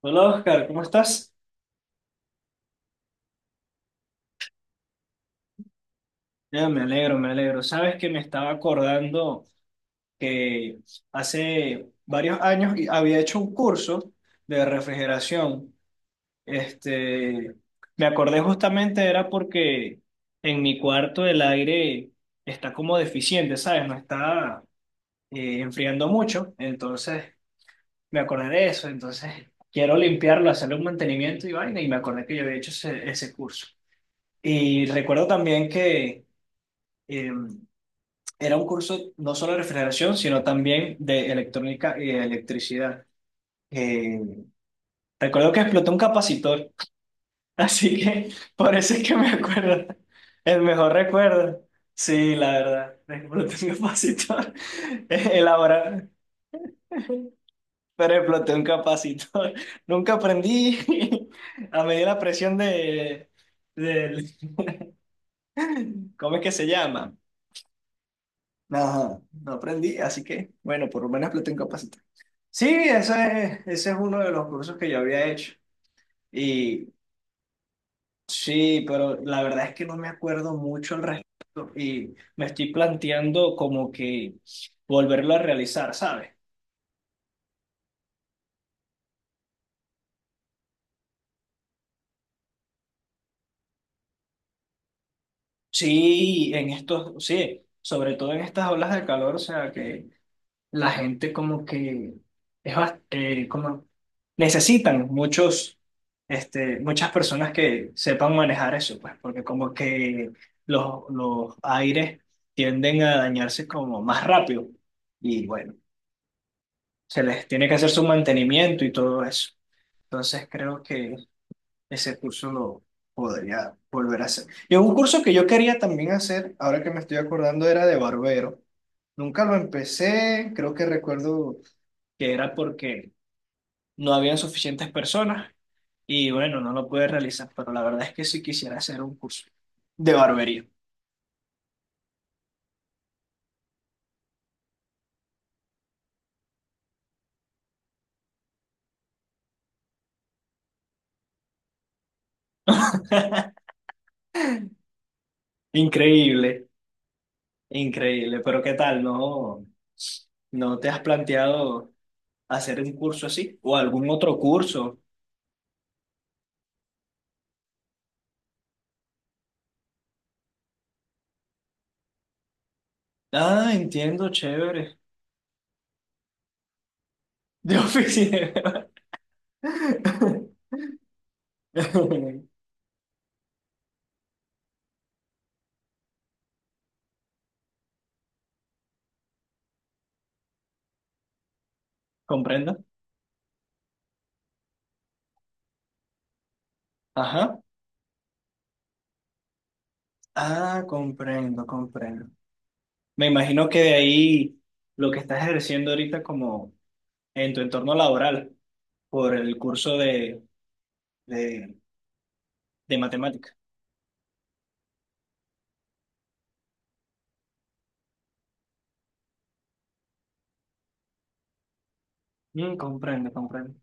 Hola Oscar, ¿cómo estás? Ya, me alegro, me alegro. Sabes que me estaba acordando que hace varios años había hecho un curso de refrigeración. Este, me acordé justamente era porque en mi cuarto el aire está como deficiente, ¿sabes? No está enfriando mucho. Entonces me acordé de eso. Entonces quiero limpiarlo, hacerle un mantenimiento y vaina. Y me acordé que yo había hecho ese curso. Y recuerdo también que... eh, era un curso no solo de refrigeración, sino también de electrónica y de electricidad. Eh, recuerdo que explotó un capacitor, así que por eso es que me acuerdo. El mejor recuerdo. Sí, la verdad. Exploté un capacitor. Elaborar, pero exploté un capacitor. Nunca aprendí a medir la presión del- ¿cómo es que se llama? Ajá, no aprendí, así que, bueno, por lo menos exploté un capacitor. Sí, ese es uno de los cursos que yo había hecho. Y sí, pero la verdad es que no me acuerdo mucho al respecto y me estoy planteando como que volverlo a realizar, ¿sabes? Sí, en estos, sí, sobre todo en estas olas de calor, o sea, que la gente como que es como necesitan muchos muchas personas que sepan manejar eso pues porque como que los aires tienden a dañarse como más rápido, y bueno, se les tiene que hacer su mantenimiento y todo eso. Entonces creo que ese curso lo podría volver a hacer, y un curso que yo quería también hacer, ahora que me estoy acordando, era de barbero. Nunca lo empecé, creo que recuerdo que era porque no habían suficientes personas y bueno, no lo pude realizar, pero la verdad es que sí quisiera hacer un curso de barbería. Increíble, increíble, pero ¿qué tal? ¿No, ¿no te has planteado hacer un curso así o algún otro curso? Ah, entiendo, chévere. De oficina. ¿Comprendo? Ajá. Ah, comprendo, comprendo. Me imagino que de ahí lo que estás ejerciendo ahorita como en tu entorno laboral por el curso de, de matemática. Mm, comprendo, comprendo.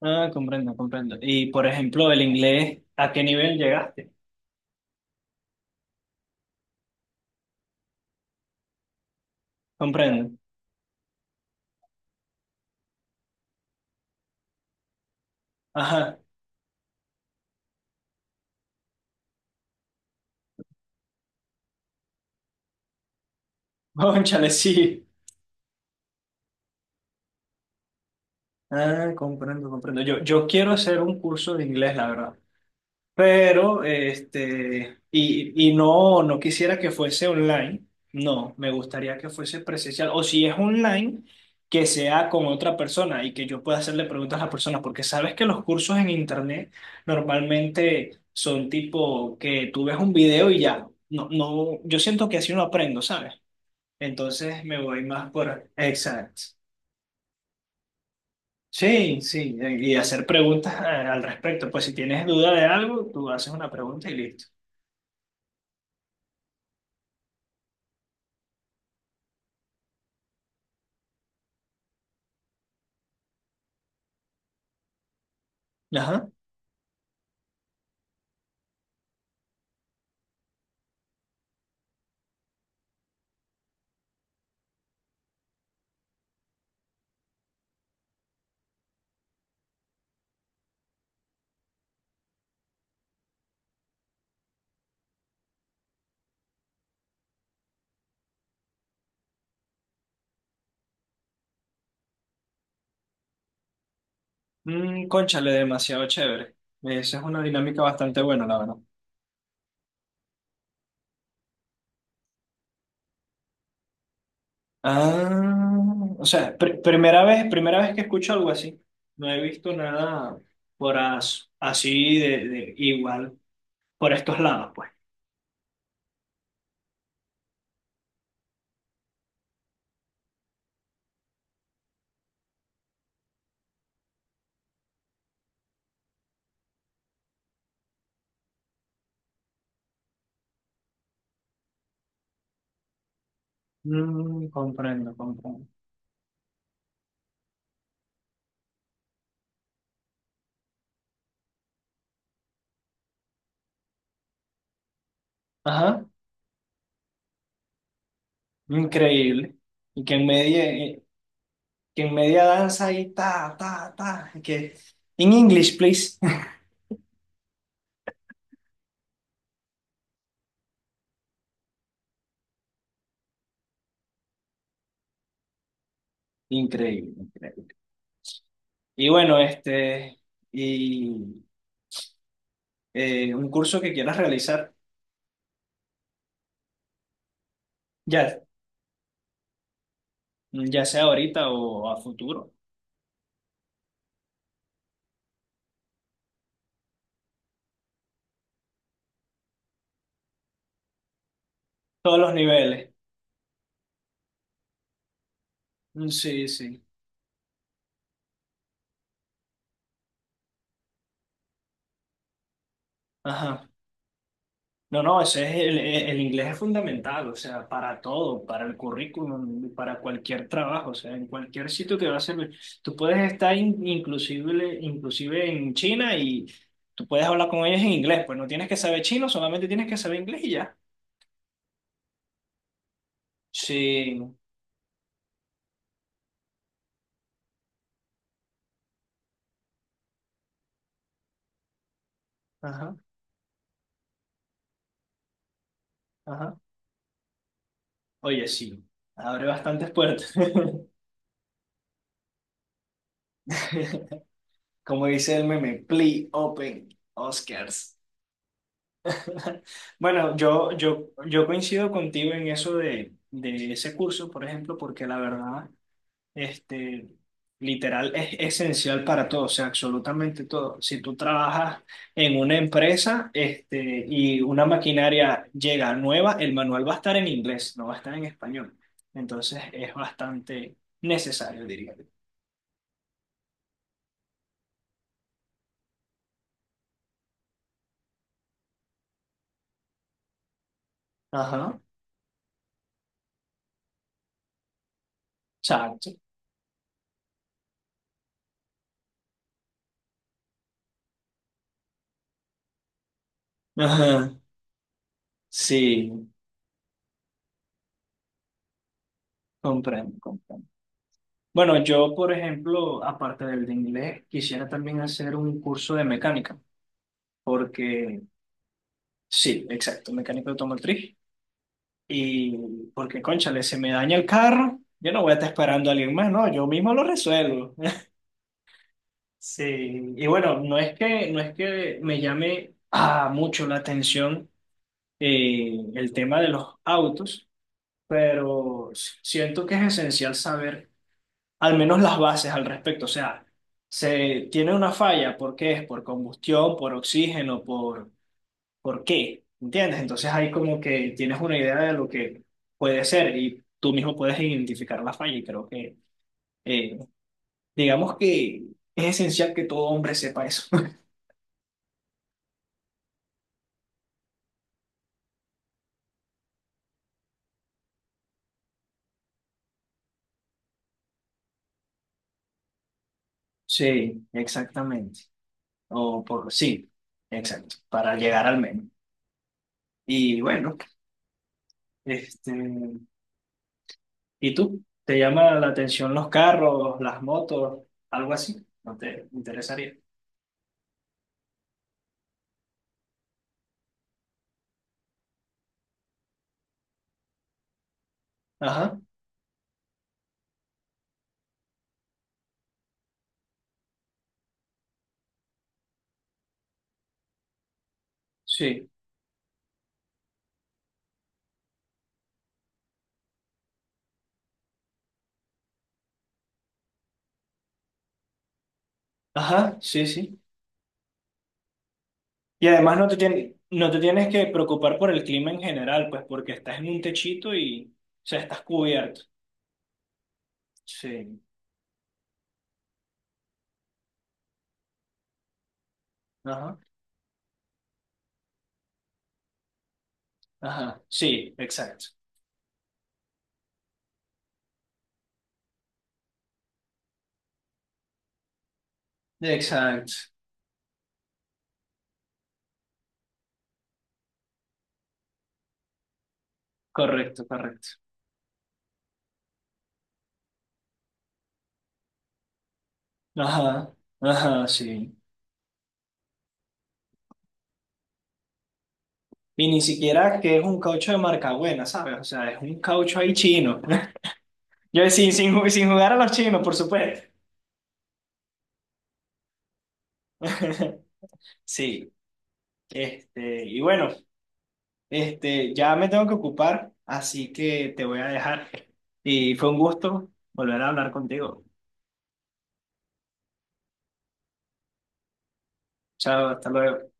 Ah, comprendo, comprendo. Y por ejemplo, el inglés, ¿a qué nivel llegaste? Comprendo. Ajá, cónchale, sí. Ah, comprendo, comprendo. Yo quiero hacer un curso de inglés, la verdad. Pero, este, y no, no quisiera que fuese online, no, me gustaría que fuese presencial, o si es online, que sea con otra persona y que yo pueda hacerle preguntas a la persona, porque sabes que los cursos en internet normalmente son tipo que tú ves un video y ya, no, no, yo siento que así no aprendo, ¿sabes? Entonces me voy más por... Exacto. Sí, sí, y hacer preguntas al respecto, pues si tienes duda de algo, tú haces una pregunta y listo. Ajá. Mm, cónchale, demasiado chévere. Esa es una dinámica bastante buena, la verdad. Ah, o sea, primera vez que escucho algo así. No he visto nada por así de igual por estos lados, pues. Mm, comprendo, comprendo. Ajá, increíble. Y que en media danza ahí ta, ta, ta, y que in English, please. Increíble, increíble. Y bueno, este, y un curso que quieras realizar. Ya, ya sea ahorita o a futuro. Todos los niveles. Mm, sí, sí. Ajá. No, no, ese es el inglés es fundamental, o sea, para todo, para el currículum, para cualquier trabajo, o sea, en cualquier sitio que va a servir. Tú puedes estar inclusive, inclusive en China, y tú puedes hablar con ellos en inglés, pues no tienes que saber chino, solamente tienes que saber inglés y ya. Sí. Ajá, ajá. Oye, sí, abre bastantes puertas. Como dice el meme, Plea Open Oscars. Bueno, yo coincido contigo en eso de ese curso, por ejemplo, porque la verdad, este, literal, es esencial para todo, o sea, absolutamente todo. Si tú trabajas en una empresa, este, y una maquinaria llega nueva, el manual va a estar en inglés, no va a estar en español. Entonces, es bastante necesario, diría yo. Ajá, exacto. Ajá, sí. Comprendo, comprendo. Bueno, yo, por ejemplo, aparte del de inglés, quisiera también hacer un curso de mecánica, porque sí, exacto, mecánico automotriz. Y porque, cónchale, se me daña el carro, yo no voy a estar esperando a alguien más, no, yo mismo lo resuelvo. Sí, y bueno, no es que me llame mucho la atención el tema de los autos, pero siento que es esencial saber al menos las bases al respecto. O sea, se tiene una falla, ¿por qué es? ¿Por combustión, por oxígeno, por qué? ¿Entiendes? Entonces ahí como que tienes una idea de lo que puede ser y tú mismo puedes identificar la falla y creo que, eh, digamos que es esencial que todo hombre sepa eso. Sí, exactamente. O por, sí, exacto, para llegar al menos. Y bueno, este, ¿y tú? ¿Te llama la atención los carros, las motos, algo así? ¿No te interesaría? Ajá, sí. Ajá, sí, sí. Y además no te tienes que preocupar por el clima en general, pues porque estás en un techito y, o sea, estás cubierto. Sí. Ajá, ajá, sí, exacto. Exacto. Correcto, correcto. Ajá, ajá, sí. Y ni siquiera que es un caucho de marca buena, ¿sabes? O sea, es un caucho ahí chino. Yo sin jugar a los chinos, por supuesto. Sí, este, y bueno, este, ya me tengo que ocupar, así que te voy a dejar. Y fue un gusto volver a hablar contigo. Chao, hasta luego.